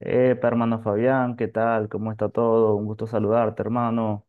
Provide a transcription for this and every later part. Epa, hermano Fabián, ¿qué tal? ¿Cómo está todo? Un gusto saludarte, hermano.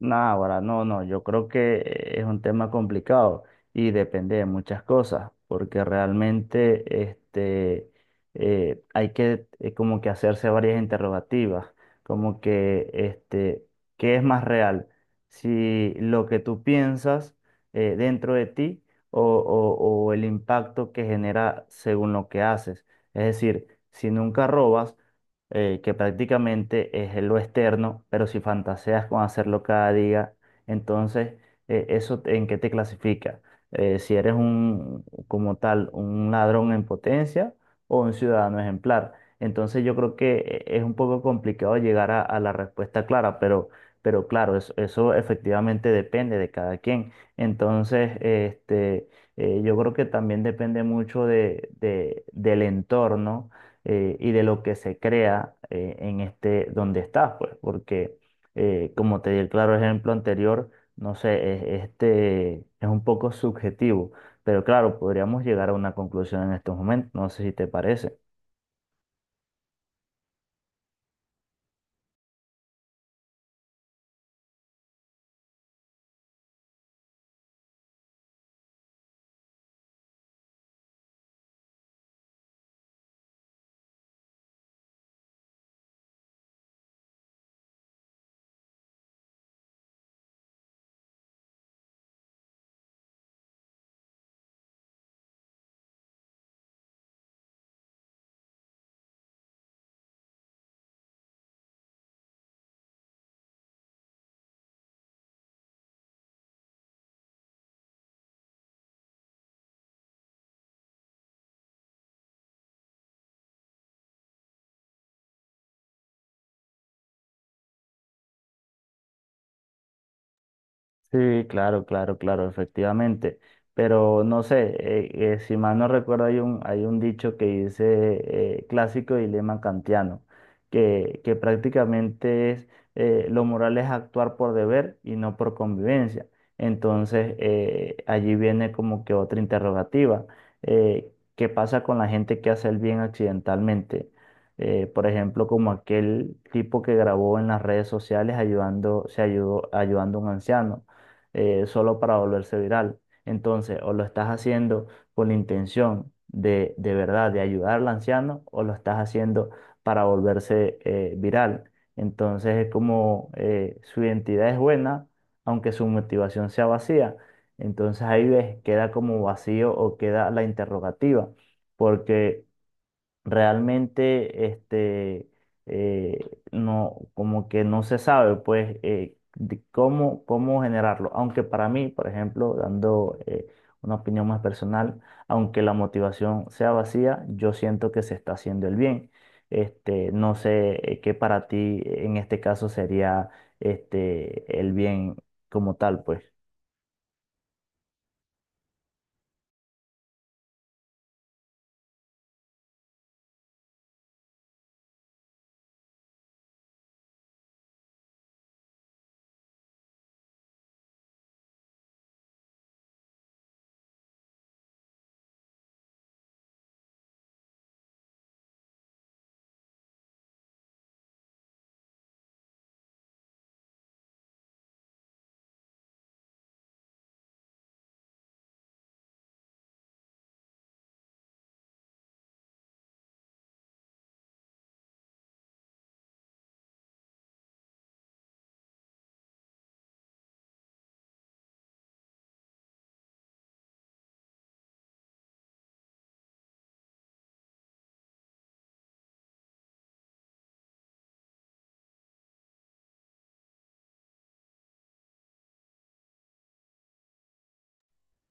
Nah, ahora no, no, yo creo que es un tema complicado y depende de muchas cosas, porque realmente hay que como que hacerse varias interrogativas, como que este, ¿qué es más real? Si lo que tú piensas dentro de ti o el impacto que genera según lo que haces. Es decir, si nunca robas, que prácticamente es lo externo, pero si fantaseas con hacerlo cada día, entonces en qué te clasifica. Si eres un, como tal, un ladrón en potencia o un ciudadano ejemplar. Entonces yo creo que es un poco complicado llegar a la respuesta clara, pero claro, eso efectivamente depende de cada quien. Entonces, yo creo que también depende mucho del entorno y de lo que se crea en este donde estás, pues, porque como te di el claro ejemplo anterior, no sé, este es un poco subjetivo, pero claro, podríamos llegar a una conclusión en estos momentos, no sé si te parece. Sí, claro, claro, claro, efectivamente. Pero no sé, si mal no recuerdo, hay un dicho que dice clásico dilema kantiano, que prácticamente es lo moral es actuar por deber y no por convivencia. Entonces, allí viene como que otra interrogativa. ¿Qué pasa con la gente que hace el bien accidentalmente? Por ejemplo, como aquel tipo que grabó en las redes sociales ayudando, se ayudó, ayudando a un anciano solo para volverse viral. Entonces, o lo estás haciendo con la intención de verdad, de ayudar al anciano, o lo estás haciendo para volverse viral. Entonces, es como su identidad es buena, aunque su motivación sea vacía. Entonces, ahí ves, queda como vacío o queda la interrogativa, porque realmente eh, no, como que no se sabe, pues, de cómo, cómo generarlo. Aunque para mí, por ejemplo, dando una opinión más personal, aunque la motivación sea vacía, yo siento que se está haciendo el bien. No sé qué para ti en este caso sería este, el bien como tal, pues.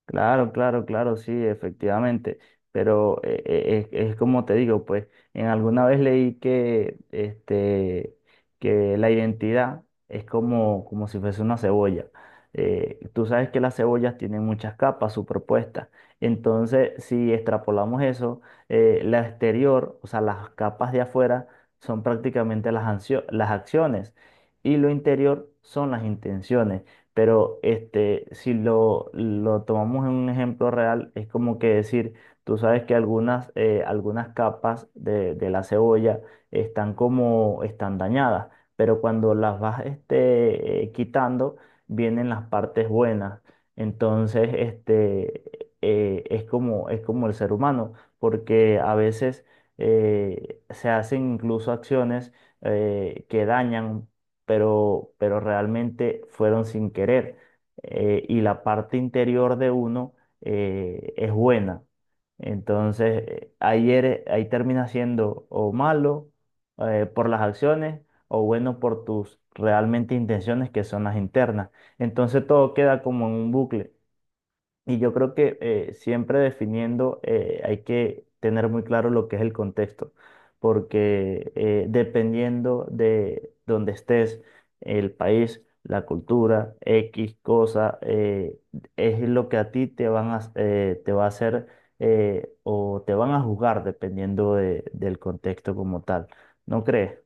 Claro, claro, claro, sí, efectivamente. Pero es como te digo, pues, en alguna vez leí que, este, que la identidad es como, como si fuese una cebolla. Tú sabes que las cebollas tienen muchas capas superpuestas. Entonces, si extrapolamos eso, la exterior, o sea, las capas de afuera son prácticamente las, las acciones y lo interior son las intenciones. Pero este, si lo, lo tomamos en un ejemplo real, es como que decir, tú sabes que algunas, algunas capas de la cebolla están como, están dañadas, pero cuando las vas quitando, vienen las partes buenas. Entonces, es como el ser humano, porque a veces se hacen incluso acciones que dañan pero realmente fueron sin querer. Y la parte interior de uno es buena. Entonces, ayer, ahí, ahí termina siendo o malo por las acciones o bueno por tus realmente intenciones que son las internas. Entonces todo queda como en un bucle. Y yo creo que siempre definiendo hay que tener muy claro lo que es el contexto, porque dependiendo de donde estés, el país, la cultura, X cosa, es lo que a ti te van a, te va a hacer o te van a juzgar dependiendo del contexto como tal. ¿No crees?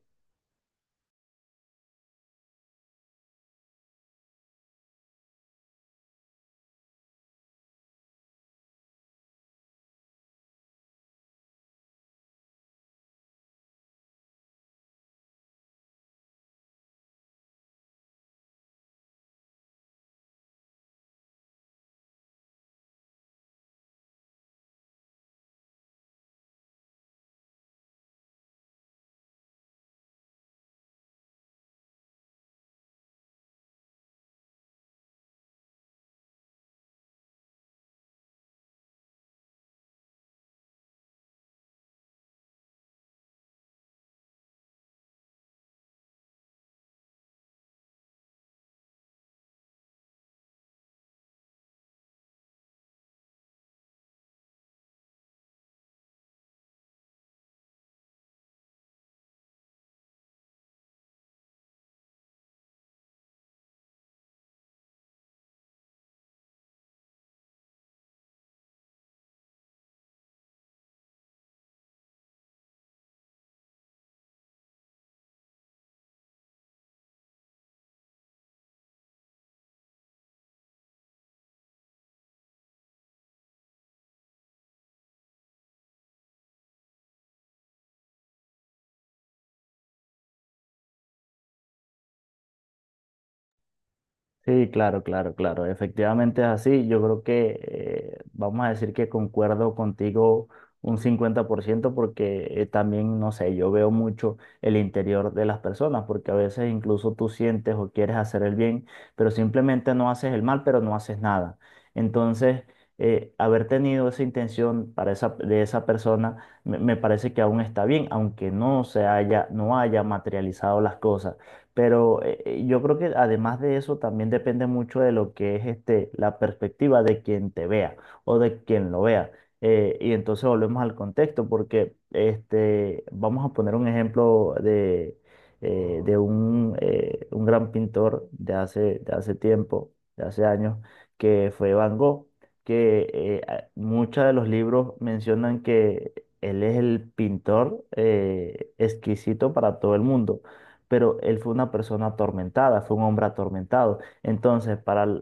Sí, claro, claro, claro. Efectivamente es así. Yo creo que vamos a decir que concuerdo contigo un 50% porque también, no sé, yo veo mucho el interior de las personas porque a veces incluso tú sientes o quieres hacer el bien, pero simplemente no haces el mal, pero no haces nada. Entonces, haber tenido esa intención para esa, de esa persona me parece que aún está bien, aunque no se haya, no haya materializado las cosas. Pero yo creo que además de eso también depende mucho de lo que es este, la perspectiva de quien te vea o de quien lo vea. Y entonces volvemos al contexto porque este, vamos a poner un ejemplo de un gran pintor de hace tiempo, de hace años, que fue Van Gogh, que muchos de los libros mencionan que él es el pintor exquisito para todo el mundo pero él fue una persona atormentada, fue un hombre atormentado. Entonces,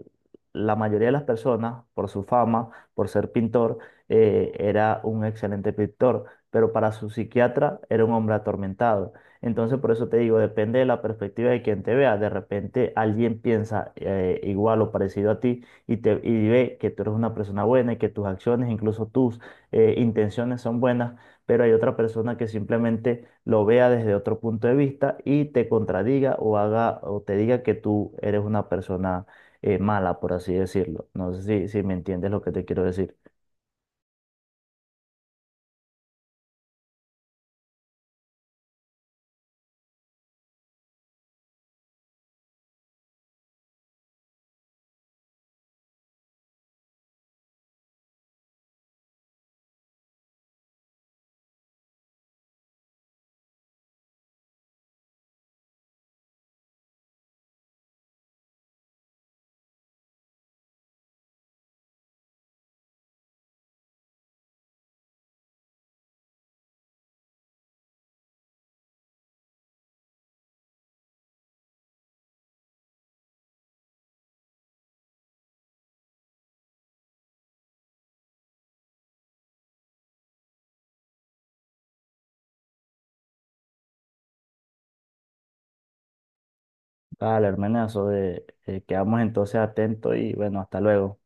la mayoría de las personas, por su fama, por ser pintor, era un excelente pintor, pero para su psiquiatra era un hombre atormentado. Entonces, por eso te digo, depende de la perspectiva de quien te vea. De repente alguien piensa igual o parecido a ti y y ve que tú eres una persona buena y que tus acciones, incluso tus intenciones son buenas, pero hay otra persona que simplemente lo vea desde otro punto de vista y te contradiga o haga o te diga que tú eres una persona mala, por así decirlo. No sé si, si me entiendes lo que te quiero decir. Vale, hermanazo, quedamos entonces atentos y bueno, hasta luego.